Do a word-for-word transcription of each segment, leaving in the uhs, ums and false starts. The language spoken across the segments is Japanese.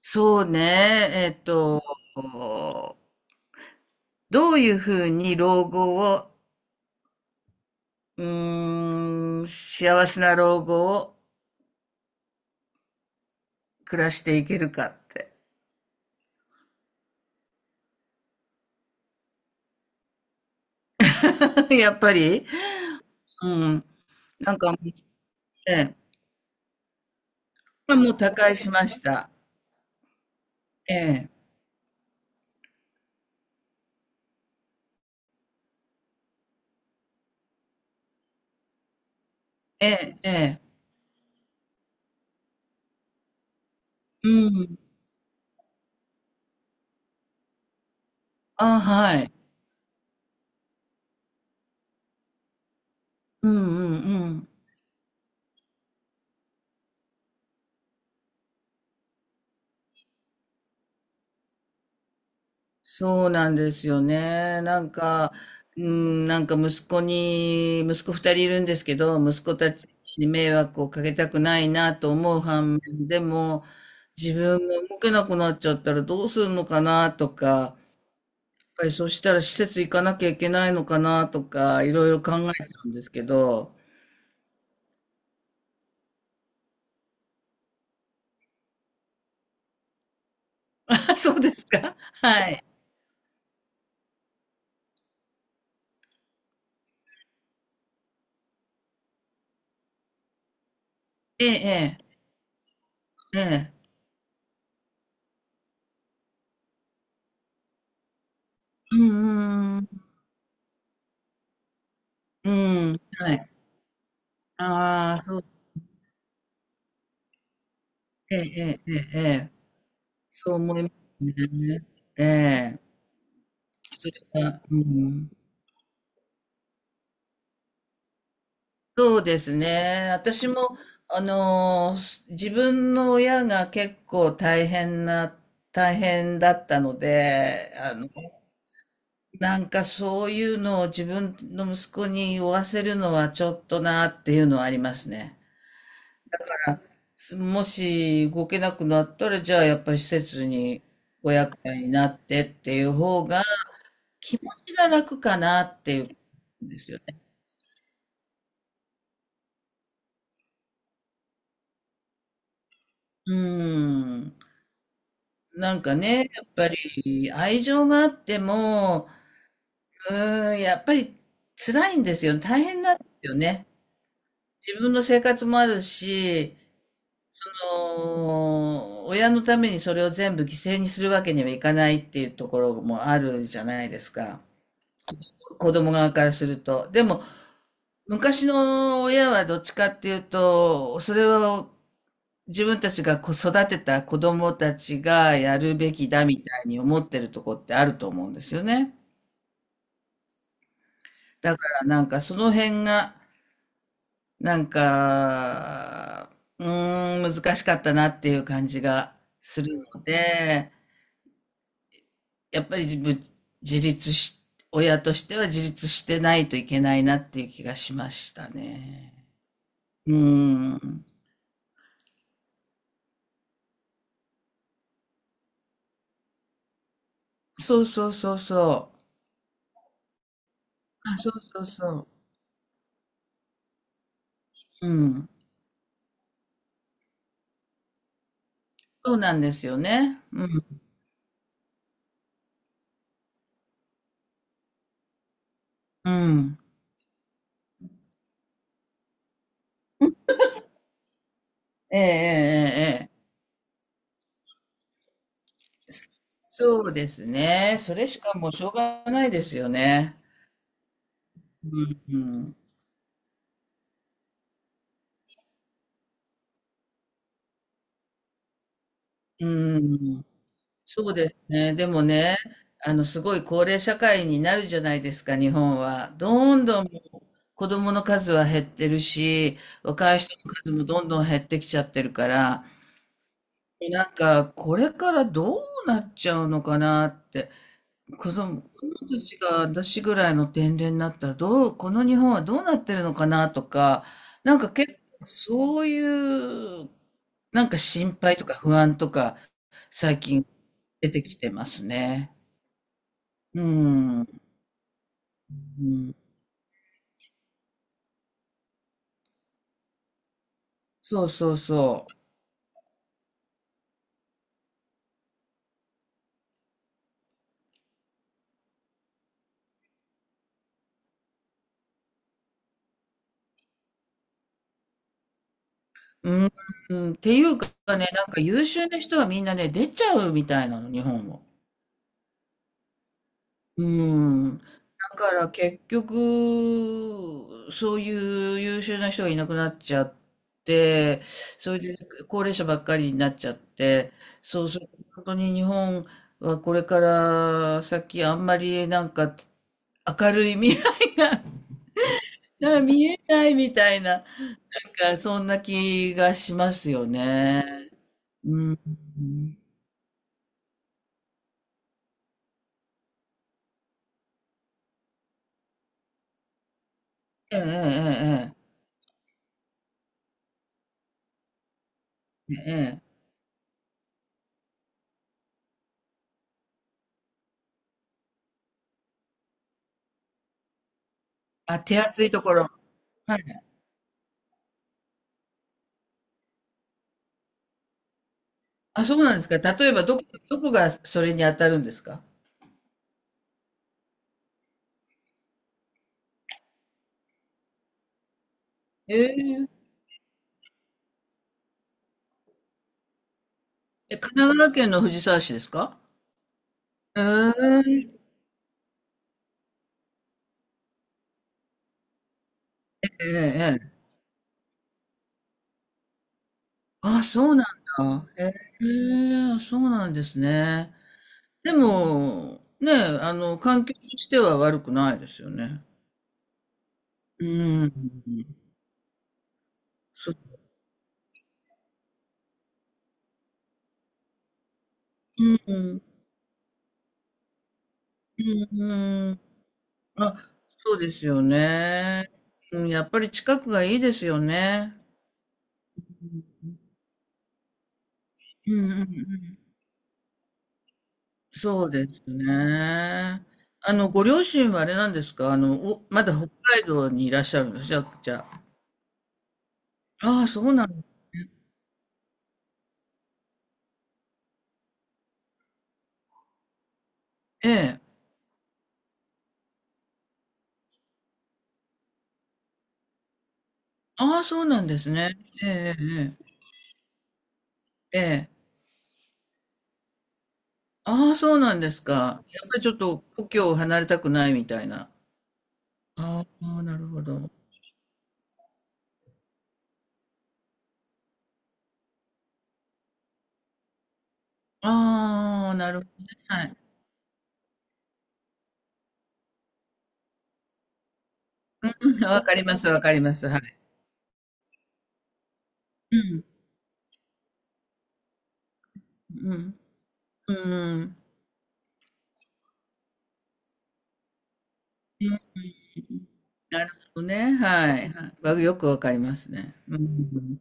そうね、えっと、どういうふうに老後を、うーん、幸せな老後を暮らしていけるかって。やっぱり。うん。なんか。ええ。まあもう他界しました。ええ、ええ、ええ、うん。あ、はい。うんうんうん。そうなんですよね。なんか、うん、なんか息子に、息子ふたりいるんですけど、息子たちに迷惑をかけたくないなと思う反面、でも、自分が動けなくなっちゃったらどうするのかなとか、やっぱりそしたら施設行かなきゃいけないのかなとか、いろいろ考えちゃうんですけど。あ、そうですか。はい。ええ、ええ、ええ。うん、うん、うん。うん、はい。ああ、そう。ええ、ええ。ええ、そう思いますね。ええ。それは、うん。そうですね。私も、あの、自分の親が結構大変な大変だったので、あの、なんかそういうのを自分の息子に負わせるのはちょっとなっていうのはありますね。だから、もし動けなくなったら、じゃあやっぱり施設にご厄介になってっていう方が、気持ちが楽かなっていうことですよね。うーん。なんかね、やっぱり愛情があっても、うーん、やっぱり辛いんですよ。大変なんですよね。自分の生活もあるし、その、親のためにそれを全部犠牲にするわけにはいかないっていうところもあるじゃないですか。子供側からすると。でも、昔の親はどっちかっていうと、それは自分たちがこう育てた子供たちがやるべきだみたいに思ってるとこってあると思うんですよね。だからなんかその辺が、なんか、うーん、難しかったなっていう感じがするので、やっぱり自分、自立し、親としては自立してないといけないなっていう気がしましたね。うーん。そうそうそうそう。あ、そうそうそう。うん。そうなんですよね。うん。うん。ええええええ。そうですね。それしかもうしょうがないですよね。うん、うん。うん。そうですね。でもね、あの、すごい高齢社会になるじゃないですか、日本は。どんどん子供の数は減ってるし、若い人の数もどんどん減ってきちゃってるから、なんか、これからどうなっちゃうのかなって。子供、子供たちが私ぐらいの年齢になったら、どう、この日本はどうなってるのかなとか、なんか結構そういう、なんか心配とか不安とか、最近出てきてますね。うん。うん、そうそうそう。うん、うんっていうかね、なんか優秀な人はみんなね、出ちゃうみたいなの、日本を。うん。だから結局、そういう優秀な人がいなくなっちゃって、それで高齢者ばっかりになっちゃって、そうすると本当に日本はこれから先あんまりなんか明るい未来が なんか見えないみたいな、なんかそんな気がしますよね。うん。ええええええ。ええ。あ、手厚いところ。はい。あ、そうなんですか。例えば、どこ、どこがそれに当たるんですか？えええ、神奈川県の藤沢市ですか？ええええええ。あ、そうなんだ。ええ、そうなんですね。でも、ね、あの、環境としては悪くないですよね。うん。そ、うん、うん、うん。あ、そうですよね。うん、やっぱり近くがいいですよね。うん、うん、うん。そうですね。あの、ご両親はあれなんですか？あの、お、まだ北海道にいらっしゃるんです。じゃあ、じゃあ。ああ、そうなん、ええ。ああ、そうなんですね。ええ、ええ、ええ。ああ、そうなんですか。やっぱりちょっと故郷を離れたくないみたいな。ああ、なるほど。ああ、なるほどね。はい。うん、わかります、わかります。はい。うん、うん、うん、うん。なるほどね。はい。はいわ、よくわかりますね。うん、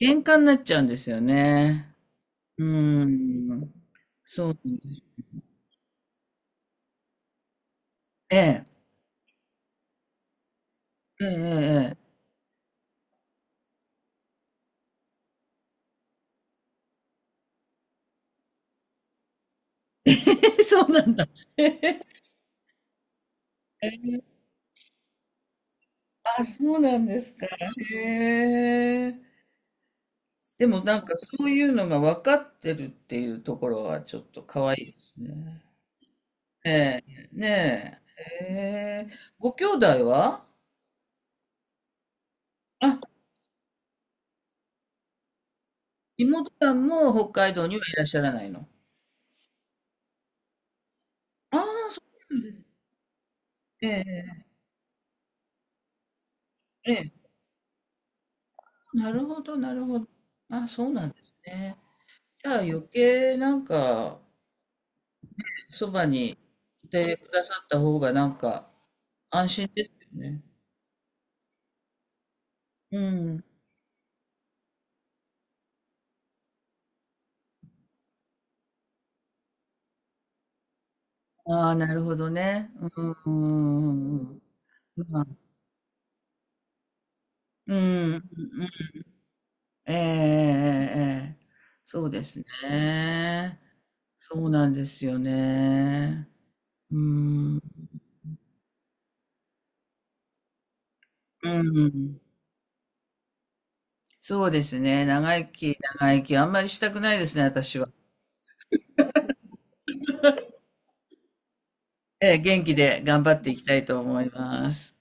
喧嘩になっちゃうんですよね。うーん。そうなんです。ええ。ええええええ そうなんだ。ええ、あ、そうなんですか。へえ。でもなんかそういうのが分かってるっていうところはちょっと可愛いですね。ええ、ねえ。へえ。ご兄弟は？あ、妹さんも北海道にはいらっしゃらないの。ああ、そうなんですね。ええ。ええ。なるほどなるほど。あ、そうなんですね。じゃあ余計なんか、そばにいてくださった方がなんか安心ですよね。うん。ああ、なるほどね。うんうんうんうん。まあ、うん、うん、ええええええ、そうですね。そうなんですよね。うん。うん。そうですね。長生き、長生き、あんまりしたくないですね、私は。ええ、元気で頑張っていきたいと思います。